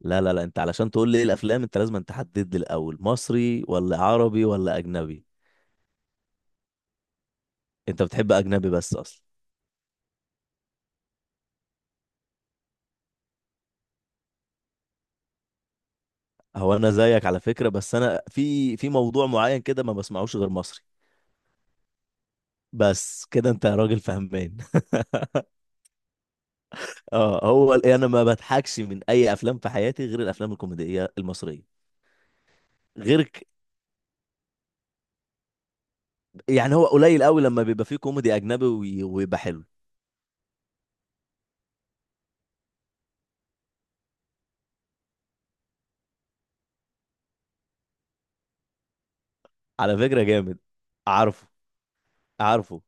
لا، لا، لا، انت علشان تقول لي ايه الافلام انت لازم أن تحدد لي الاول مصري ولا عربي ولا اجنبي. انت بتحب اجنبي بس اصلا. هو انا زيك على فكرة، بس انا في موضوع معين كده ما بسمعوش غير مصري. بس كده انت يا راجل فهمان. اه، هو يعني انا ما بضحكش من اي افلام في حياتي غير الافلام الكوميدية المصرية. غير ك... يعني هو قليل قوي لما بيبقى فيه كوميدي اجنبي ويبقى حلو. على فكرة جامد. عارفه، عارفه.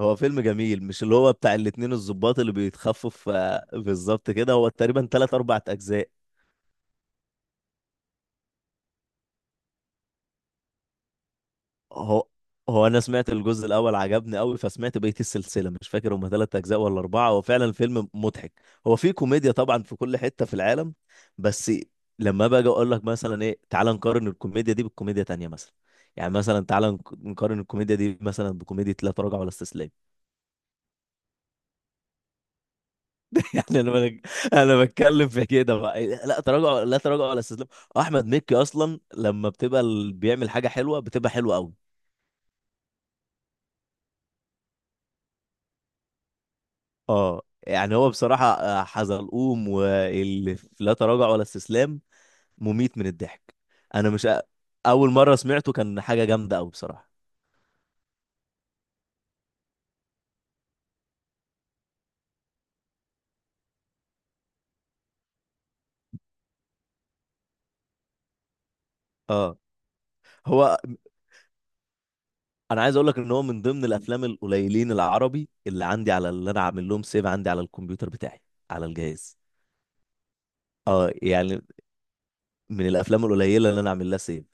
هو فيلم جميل، مش اللي هو بتاع الاتنين الضباط اللي بيتخفوا في بالظبط كده، هو تقريبا تلات أربع أجزاء. هو هو أنا سمعت الجزء الأول عجبني أوي، فسمعت بقية السلسلة، مش فاكر هما تلات أجزاء ولا أربعة، هو فعلا فيلم مضحك. هو فيه كوميديا طبعا في كل حتة في العالم، بس لما باجي أقول لك مثلا إيه، تعال نقارن الكوميديا دي بالكوميديا تانية مثلا. يعني مثلا تعال نقارن الكوميديا دي مثلا بكوميديا لا تراجع ولا استسلام. يعني انا بك... انا بتكلم في كده بقى إيه، لا تراجع ولا استسلام. احمد مكي اصلا لما بتبقى بيعمل حاجه حلوه بتبقى حلوه قوي. اه يعني هو بصراحه، حزلقوم واللي في لا تراجع ولا استسلام مميت من الضحك. انا مش أ- اول مره سمعته كان حاجه جامده قوي بصراحه. اه، هو انا عايز اقول لك ان هو من ضمن الافلام القليلين العربي اللي عندي، على اللي انا عامل لهم سيف عندي على الكمبيوتر بتاعي، على الجهاز. اه يعني من الافلام القليله اللي انا اعمل لها سيف.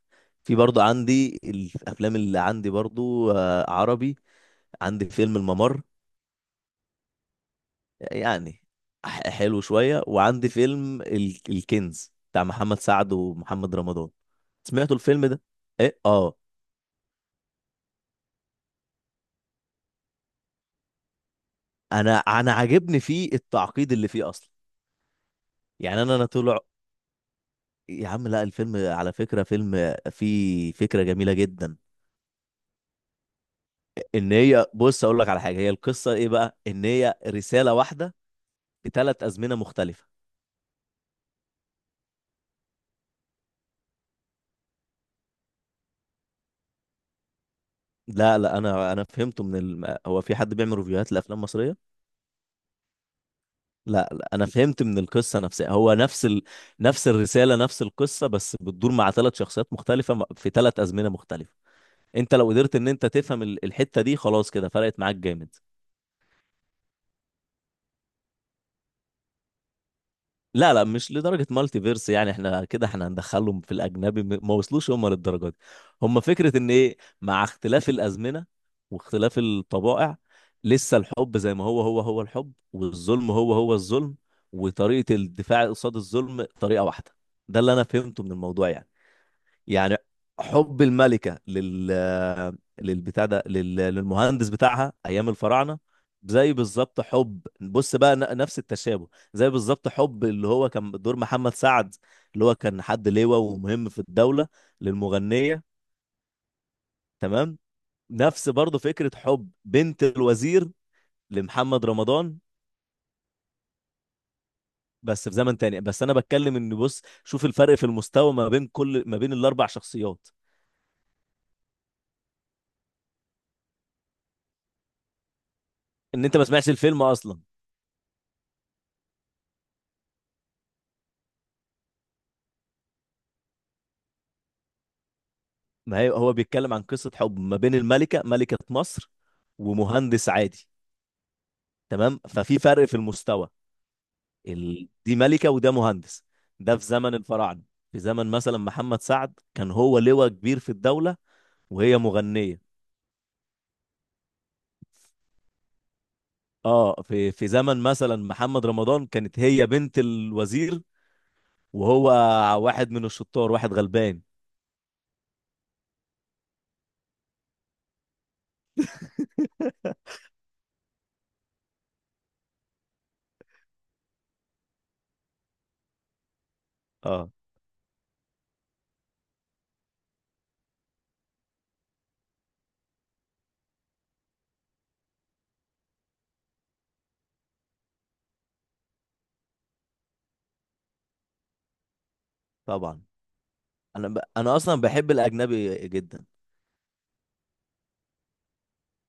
في برضو عندي الافلام اللي عندي برضو، عربي. عندي فيلم الممر يعني، حلو شويه. وعندي فيلم الكنز بتاع محمد سعد ومحمد رمضان. سمعتوا الفيلم ده؟ ايه، اه. انا عاجبني فيه التعقيد اللي فيه اصلا. يعني انا طلع، يا عم لا الفيلم على فكره فيلم فيه فكره جميله جدا، ان هي بص اقول لك على حاجه، هي القصه ايه بقى، ان هي رساله واحده بثلاث ازمنه مختلفه. لا، لا، انا فهمته من هو في حد بيعمل ريفيوهات لافلام مصريه. لا، لا، انا فهمت من القصه نفسها، هو نفس نفس الرساله نفس القصه، بس بتدور مع ثلاث شخصيات مختلفه، في ثلاث ازمنه مختلفه. انت لو قدرت ان انت تفهم الحته دي، خلاص كده فرقت معاك جامد. لا، لا، مش لدرجة مالتي فيرس، يعني احنا كده احنا هندخلهم في الأجنبي، ما وصلوش هم للدرجة دي. هم فكرة إن إيه، مع اختلاف الأزمنة واختلاف الطبائع، لسه الحب زي ما هو، هو هو الحب، والظلم هو هو الظلم، وطريقة الدفاع قصاد الظلم طريقة واحدة. ده اللي أنا فهمته من الموضوع يعني. يعني حب الملكة للبتاع ده، للمهندس بتاعها ايام الفراعنة، زي بالظبط حب، بص بقى نفس التشابه، زي بالظبط حب اللي هو كان دور محمد سعد، اللي هو كان حد لواء ومهم في الدولة، للمغنية. تمام. نفس برضه فكرة حب بنت الوزير لمحمد رمضان، بس في زمن تاني. بس انا بتكلم ان بص شوف الفرق في المستوى ما بين كل ما بين الاربع شخصيات. ان انت ما سمعتش الفيلم اصلا. ما هي هو بيتكلم عن قصة حب ما بين الملكة، ملكة مصر، ومهندس عادي. تمام ففي فرق في المستوى. دي ملكة وده مهندس. ده في زمن الفراعنة. في زمن مثلا محمد سعد كان هو لواء كبير في الدولة وهي مغنية. اه في زمن مثلا محمد رمضان كانت هي بنت الوزير وهو واحد من الشطار، واحد غلبان. اه، طبعا. انا اصلا بحب الاجنبي جدا.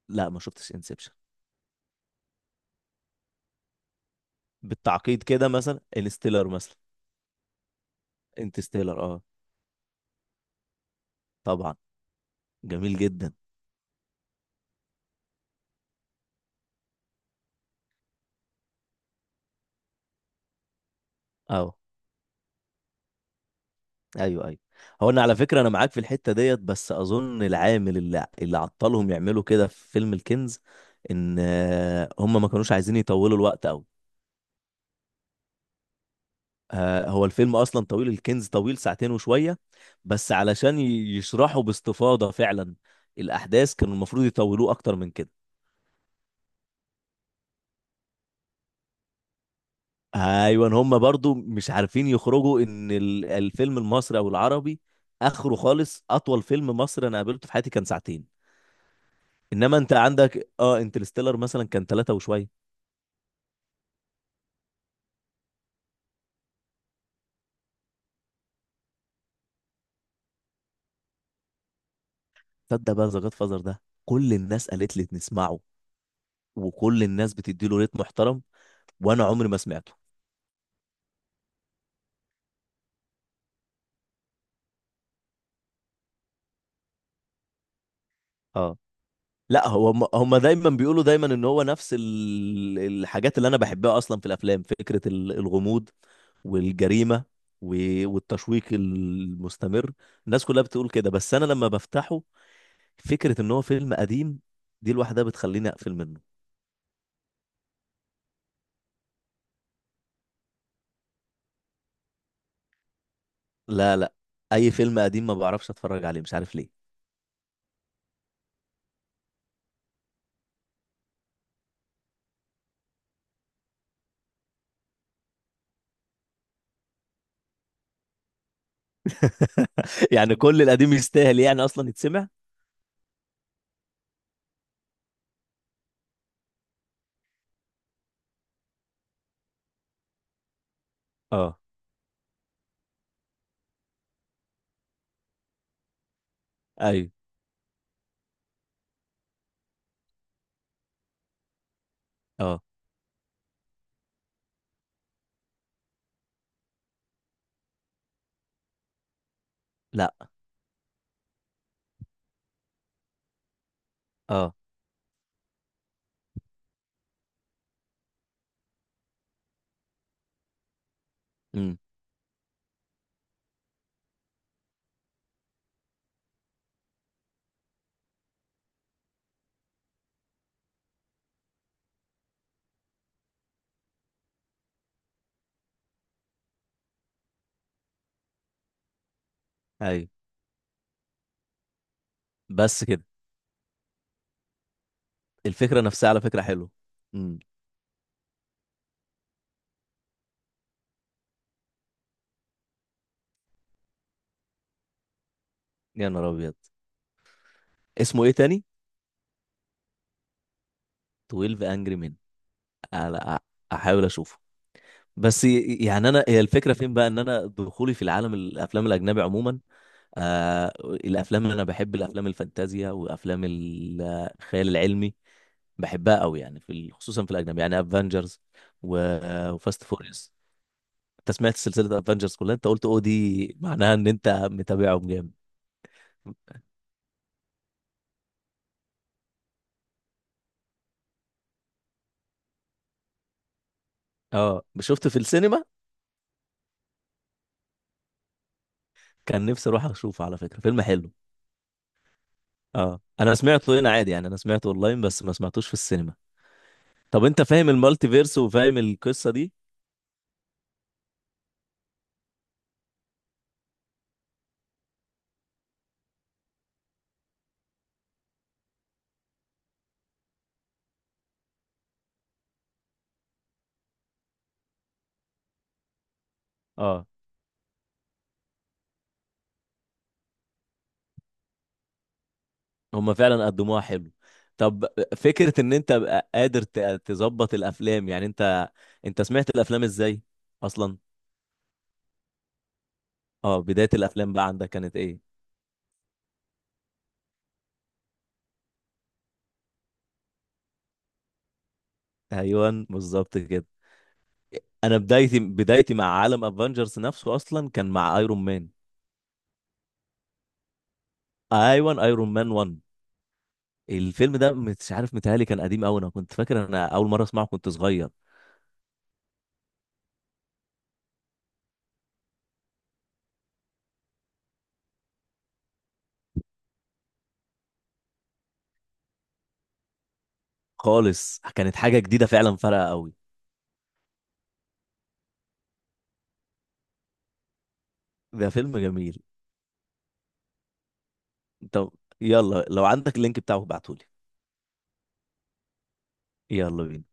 لا، ما شفتش انسبشن. بالتعقيد كده مثلا انستيلر مثلا. انترستيلر، اه، طبعا. جميل جدا. اه، ايوه، ايوه. هو انا على فكره انا معاك في الحته ديت، بس اظن العامل اللي عطلهم يعملوا كده في فيلم الكنز، ان هم ما كانوش عايزين يطولوا الوقت قوي. هو الفيلم اصلا طويل، الكنز طويل ساعتين وشويه، بس علشان يشرحوا باستفاضه فعلا الاحداث كانوا المفروض يطولوه اكتر من كده. ايوه، هم برضو مش عارفين يخرجوا ان الفيلم المصري او العربي اخره خالص. اطول فيلم مصري انا قابلته في حياتي كان ساعتين. انما انت عندك، اه، انترستيلر مثلا كان ثلاثة وشويه. تصدق بقى ذا جاد فازر ده كل الناس قالت لي نسمعه، وكل الناس بتدي له ريت محترم، وانا عمري ما سمعته. اه لا، هو هم دايما بيقولوا دايما ان هو نفس الحاجات اللي انا بحبها اصلا في الافلام، فكره الغموض والجريمة، والتشويق المستمر، الناس كلها بتقول كده. بس أنا لما بفتحه فكرة إن هو فيلم قديم دي لوحدها بتخليني أقفل منه. لا، لا، أي فيلم قديم ما بعرفش أتفرج عليه، مش عارف ليه. يعني كل القديم يستاهل يعني أصلا يتسمع. اه، أيوه، اه، لا، اه، امم، أيوه، بس كده. الفكرة نفسها على فكرة حلوة. امم. يا نهار أبيض، اسمه إيه تاني؟ 12 Angry Men. أنا أحاول أشوفه. بس يعني انا هي الفكره فين بقى، ان انا دخولي في العالم الافلام الاجنبي عموما، الافلام اللي انا بحب الافلام الفانتازيا وافلام الخيال العلمي بحبها قوي. يعني في خصوصا في الاجنبي يعني افنجرز وفاست فوريوس. انت سمعت سلسله افنجرز كلها، انت قلت، او دي معناها ان انت متابعهم جامد. اه، شفته في السينما. كان نفسي اروح اشوفه، على فكره فيلم حلو. اه انا سمعته هنا عادي، يعني انا سمعته اونلاين بس ما سمعتوش في السينما. طب انت فاهم المالتي فيرس وفاهم القصه دي؟ اه، هم فعلا قدموها حلو. طب فكرة ان انت بقى قادر تظبط الافلام، يعني انت سمعت الافلام ازاي اصلا؟ اه، بداية الافلام بقى عندك كانت ايه؟ ايوه بالظبط كده. انا بدايتي مع عالم افنجرز نفسه اصلا كان مع ايرون مان. ايوه، ايرون مان 1. الفيلم ده مش عارف، متهيألي كان قديم قوي، انا كنت فاكر انا اول مرة اسمعه كنت صغير. خالص كانت حاجة جديدة فعلا فارقة قوي. ده فيلم جميل. طب يلا لو عندك اللينك بتاعه ابعتهولي. يلا بينا.